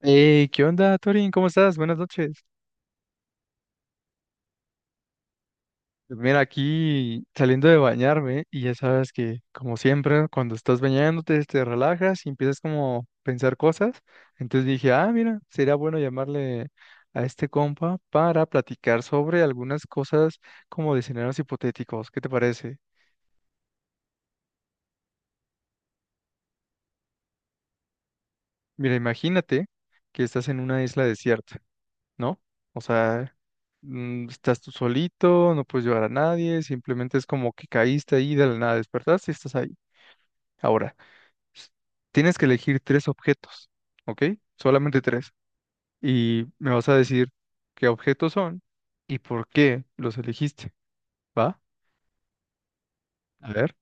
Hey, ¿qué onda, Torin? ¿Cómo estás? Buenas noches. Pues mira, aquí saliendo de bañarme y ya sabes que, como siempre, cuando estás bañándote, te relajas y empiezas como a pensar cosas. Entonces dije, ah, mira, sería bueno llamarle a este compa para platicar sobre algunas cosas como de escenarios hipotéticos. ¿Qué te parece? Mira, imagínate que estás en una isla desierta, ¿no? O sea, estás tú solito, no puedes llevar a nadie, simplemente es como que caíste ahí de la nada, despertaste y estás ahí. Ahora, s- tienes que elegir tres objetos, ¿ok? Solamente tres. Y me vas a decir qué objetos son y por qué los elegiste, ¿va? A ver.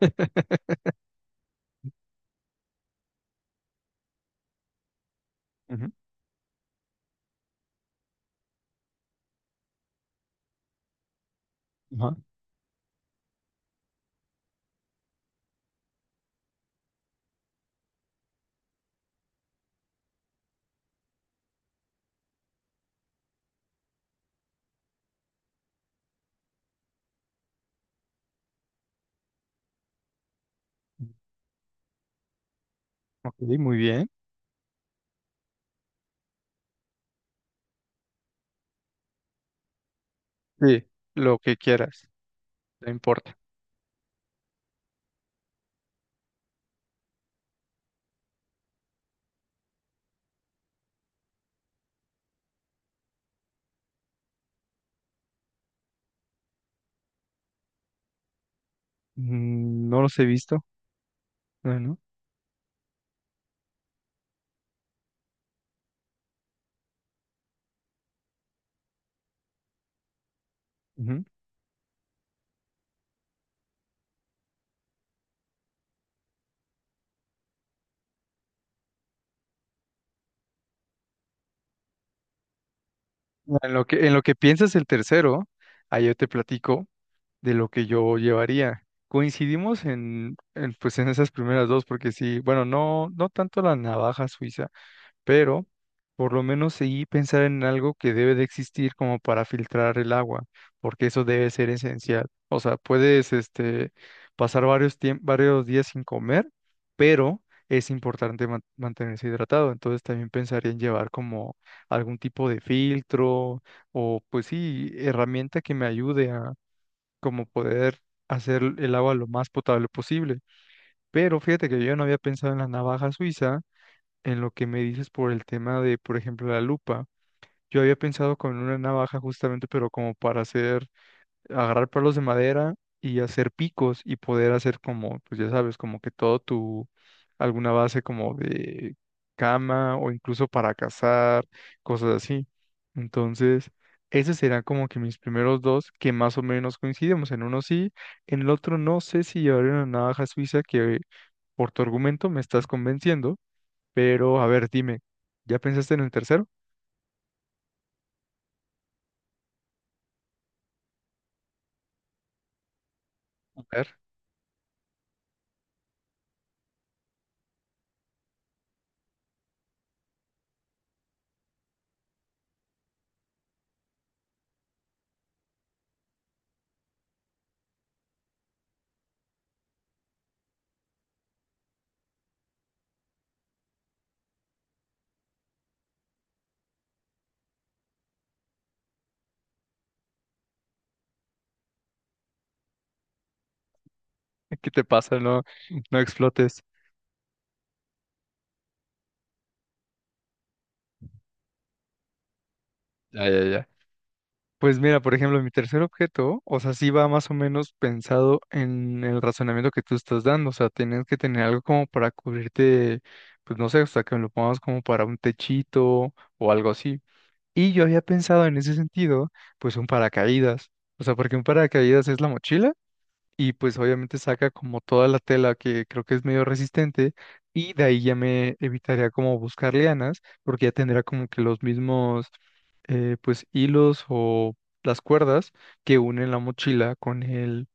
Ujú. Ajá. Ok, muy bien. Sí, lo que quieras, no importa. No los he visto. Bueno, ujú. En lo que piensas el tercero, ahí yo te platico de lo que yo llevaría. Coincidimos en, pues en esas primeras dos, porque sí, bueno, no, no tanto la navaja suiza, pero por lo menos sí pensar en algo que debe de existir como para filtrar el agua, porque eso debe ser esencial. O sea, puedes este, pasar varios días sin comer, pero es importante mantenerse hidratado. Entonces también pensaría en llevar como algún tipo de filtro o pues sí, herramienta que me ayude como poder hacer el agua lo más potable posible. Pero fíjate que yo no había pensado en la navaja suiza, en lo que me dices por el tema de, por ejemplo, la lupa. Yo había pensado con una navaja justamente, pero como para hacer agarrar palos de madera y hacer picos y poder hacer como, pues ya sabes, como que todo tu, alguna base como de cama o incluso para cazar, cosas así. Entonces, esos serán como que mis primeros dos que más o menos coincidimos. En uno sí, en el otro no sé si llevaré una navaja suiza que por tu argumento me estás convenciendo, pero a ver, dime, ¿ya pensaste en el tercero? A ver, ¿qué te pasa? No, no explotes. Ya, ya, ya. Pues mira, por ejemplo, mi tercer objeto, o sea, sí va más o menos pensado en el razonamiento que tú estás dando, o sea, tienes que tener algo como para cubrirte, pues no sé, o sea, que me lo pongamos como para un techito o algo así. Y yo había pensado en ese sentido, pues un paracaídas, o sea, porque un paracaídas es la mochila y pues obviamente saca como toda la tela que creo que es medio resistente y de ahí ya me evitaría como buscar lianas porque ya tendría como que los mismos pues hilos o las cuerdas que unen la mochila con el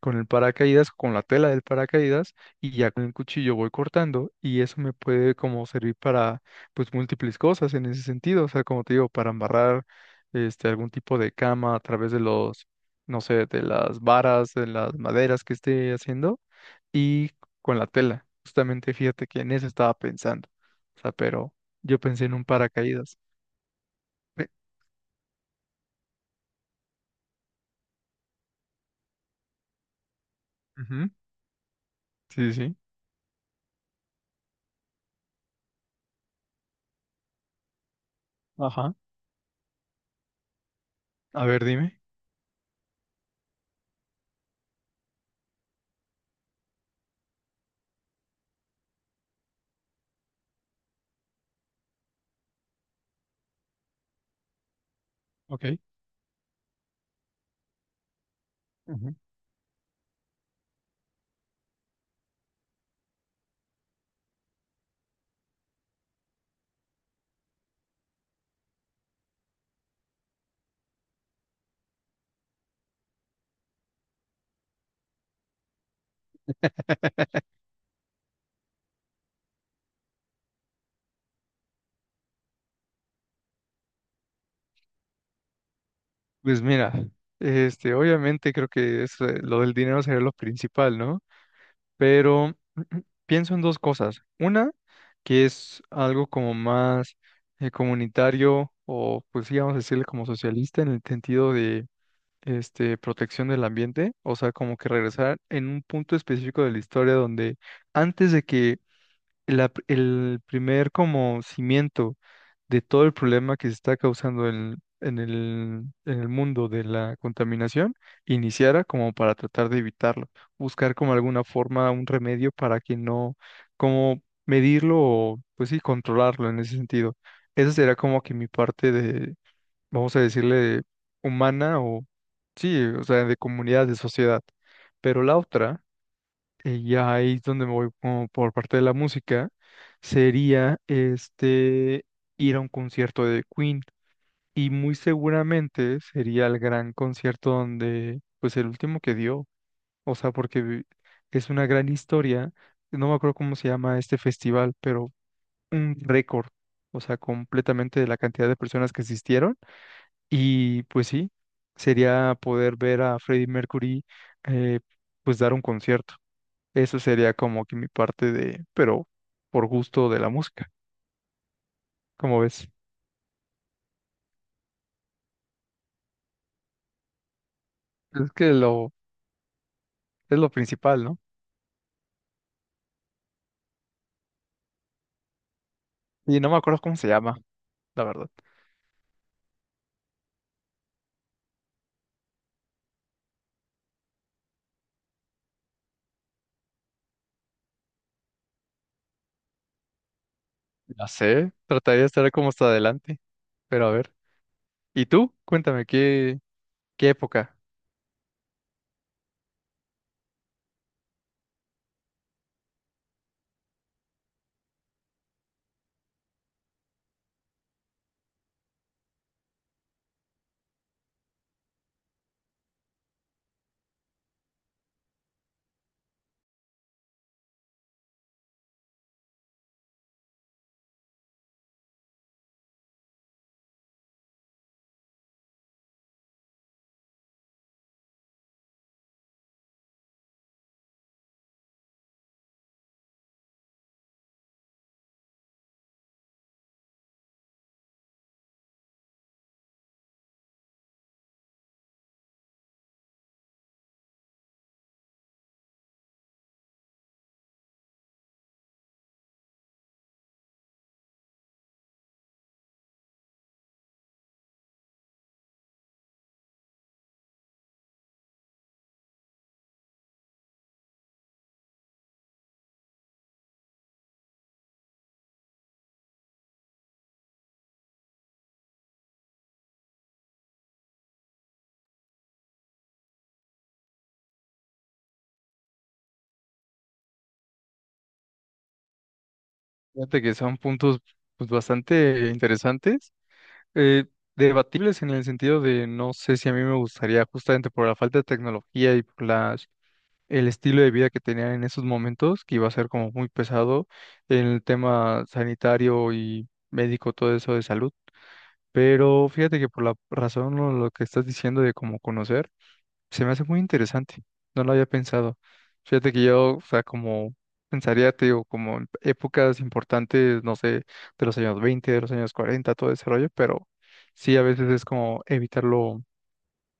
con el paracaídas, con la tela del paracaídas y ya con el cuchillo voy cortando y eso me puede como servir para pues múltiples cosas en ese sentido, o sea, como te digo, para amarrar este algún tipo de cama a través de los, no sé, de las varas, de las maderas que esté haciendo y con la tela. Justamente fíjate que en eso estaba pensando, o sea, pero yo pensé en un paracaídas. Pe- Ujú, sí, sí. Ajá. A ver, dime. Ok. Ujú. Pues mira, este, obviamente creo que es, lo del dinero sería lo principal, ¿no? Pero pienso en dos cosas. Una, que es algo como más comunitario o, pues sí, vamos a decirle como socialista en el sentido de este, protección del ambiente, o sea, como que regresar en un punto específico de la historia donde antes de que el primer como cimiento de todo el problema que se está causando en el mundo de la contaminación iniciara como para tratar de evitarlo, buscar como alguna forma, un remedio para que no, como medirlo o pues sí, controlarlo en ese sentido. Esa será como que mi parte de, vamos a decirle, humana o sí, o sea, de comunidad, de sociedad. Pero la otra ya ahí es donde me voy como por parte de la música, sería este ir a un concierto de Queen. Y muy seguramente sería el gran concierto donde, pues el último que dio, o sea, porque es una gran historia, no me acuerdo cómo se llama este festival, pero un récord, o sea, completamente de la cantidad de personas que asistieron. Y pues sí, sería poder ver a Freddie Mercury, eh, pues dar un concierto. Eso sería como que mi parte de, pero por gusto de la música, como ves. Es que lo, es lo principal, ¿no? Y no me acuerdo cómo se llama, la verdad. Ya sé, trataría de estar como hasta adelante, pero a ver. ¿Y tú? Cuéntame, ¿qué, qué época? Fíjate que son puntos pues, bastante interesantes, eh, debatibles en el sentido de no sé si a mí me gustaría, justamente por la falta de tecnología y por las el estilo de vida que tenían en esos momentos, que iba a ser como muy pesado en el tema sanitario y médico, todo eso de salud. Pero fíjate que por la razón o lo que estás diciendo de cómo conocer, se me hace muy interesante. No lo había pensado. Fíjate que yo, o sea, como pensaría, te digo, como en épocas importantes, no sé, de los años 20, de los años 40, todo ese rollo, pero sí, a veces es como evitarlo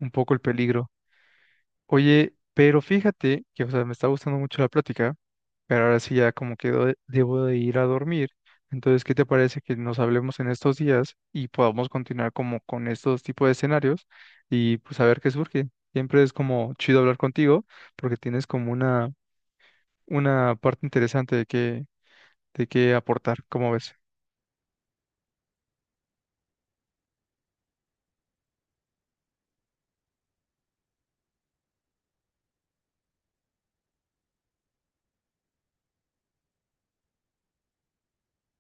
un poco el peligro. Oye, pero fíjate que, o sea, me está gustando mucho la plática, pero ahora sí ya como que debo de ir a dormir. Entonces, ¿qué te parece que nos hablemos en estos días y podamos continuar como con estos tipos de escenarios y pues a ver qué surge? Siempre es como chido hablar contigo porque tienes como una parte interesante de qué aportar, ¿cómo ves?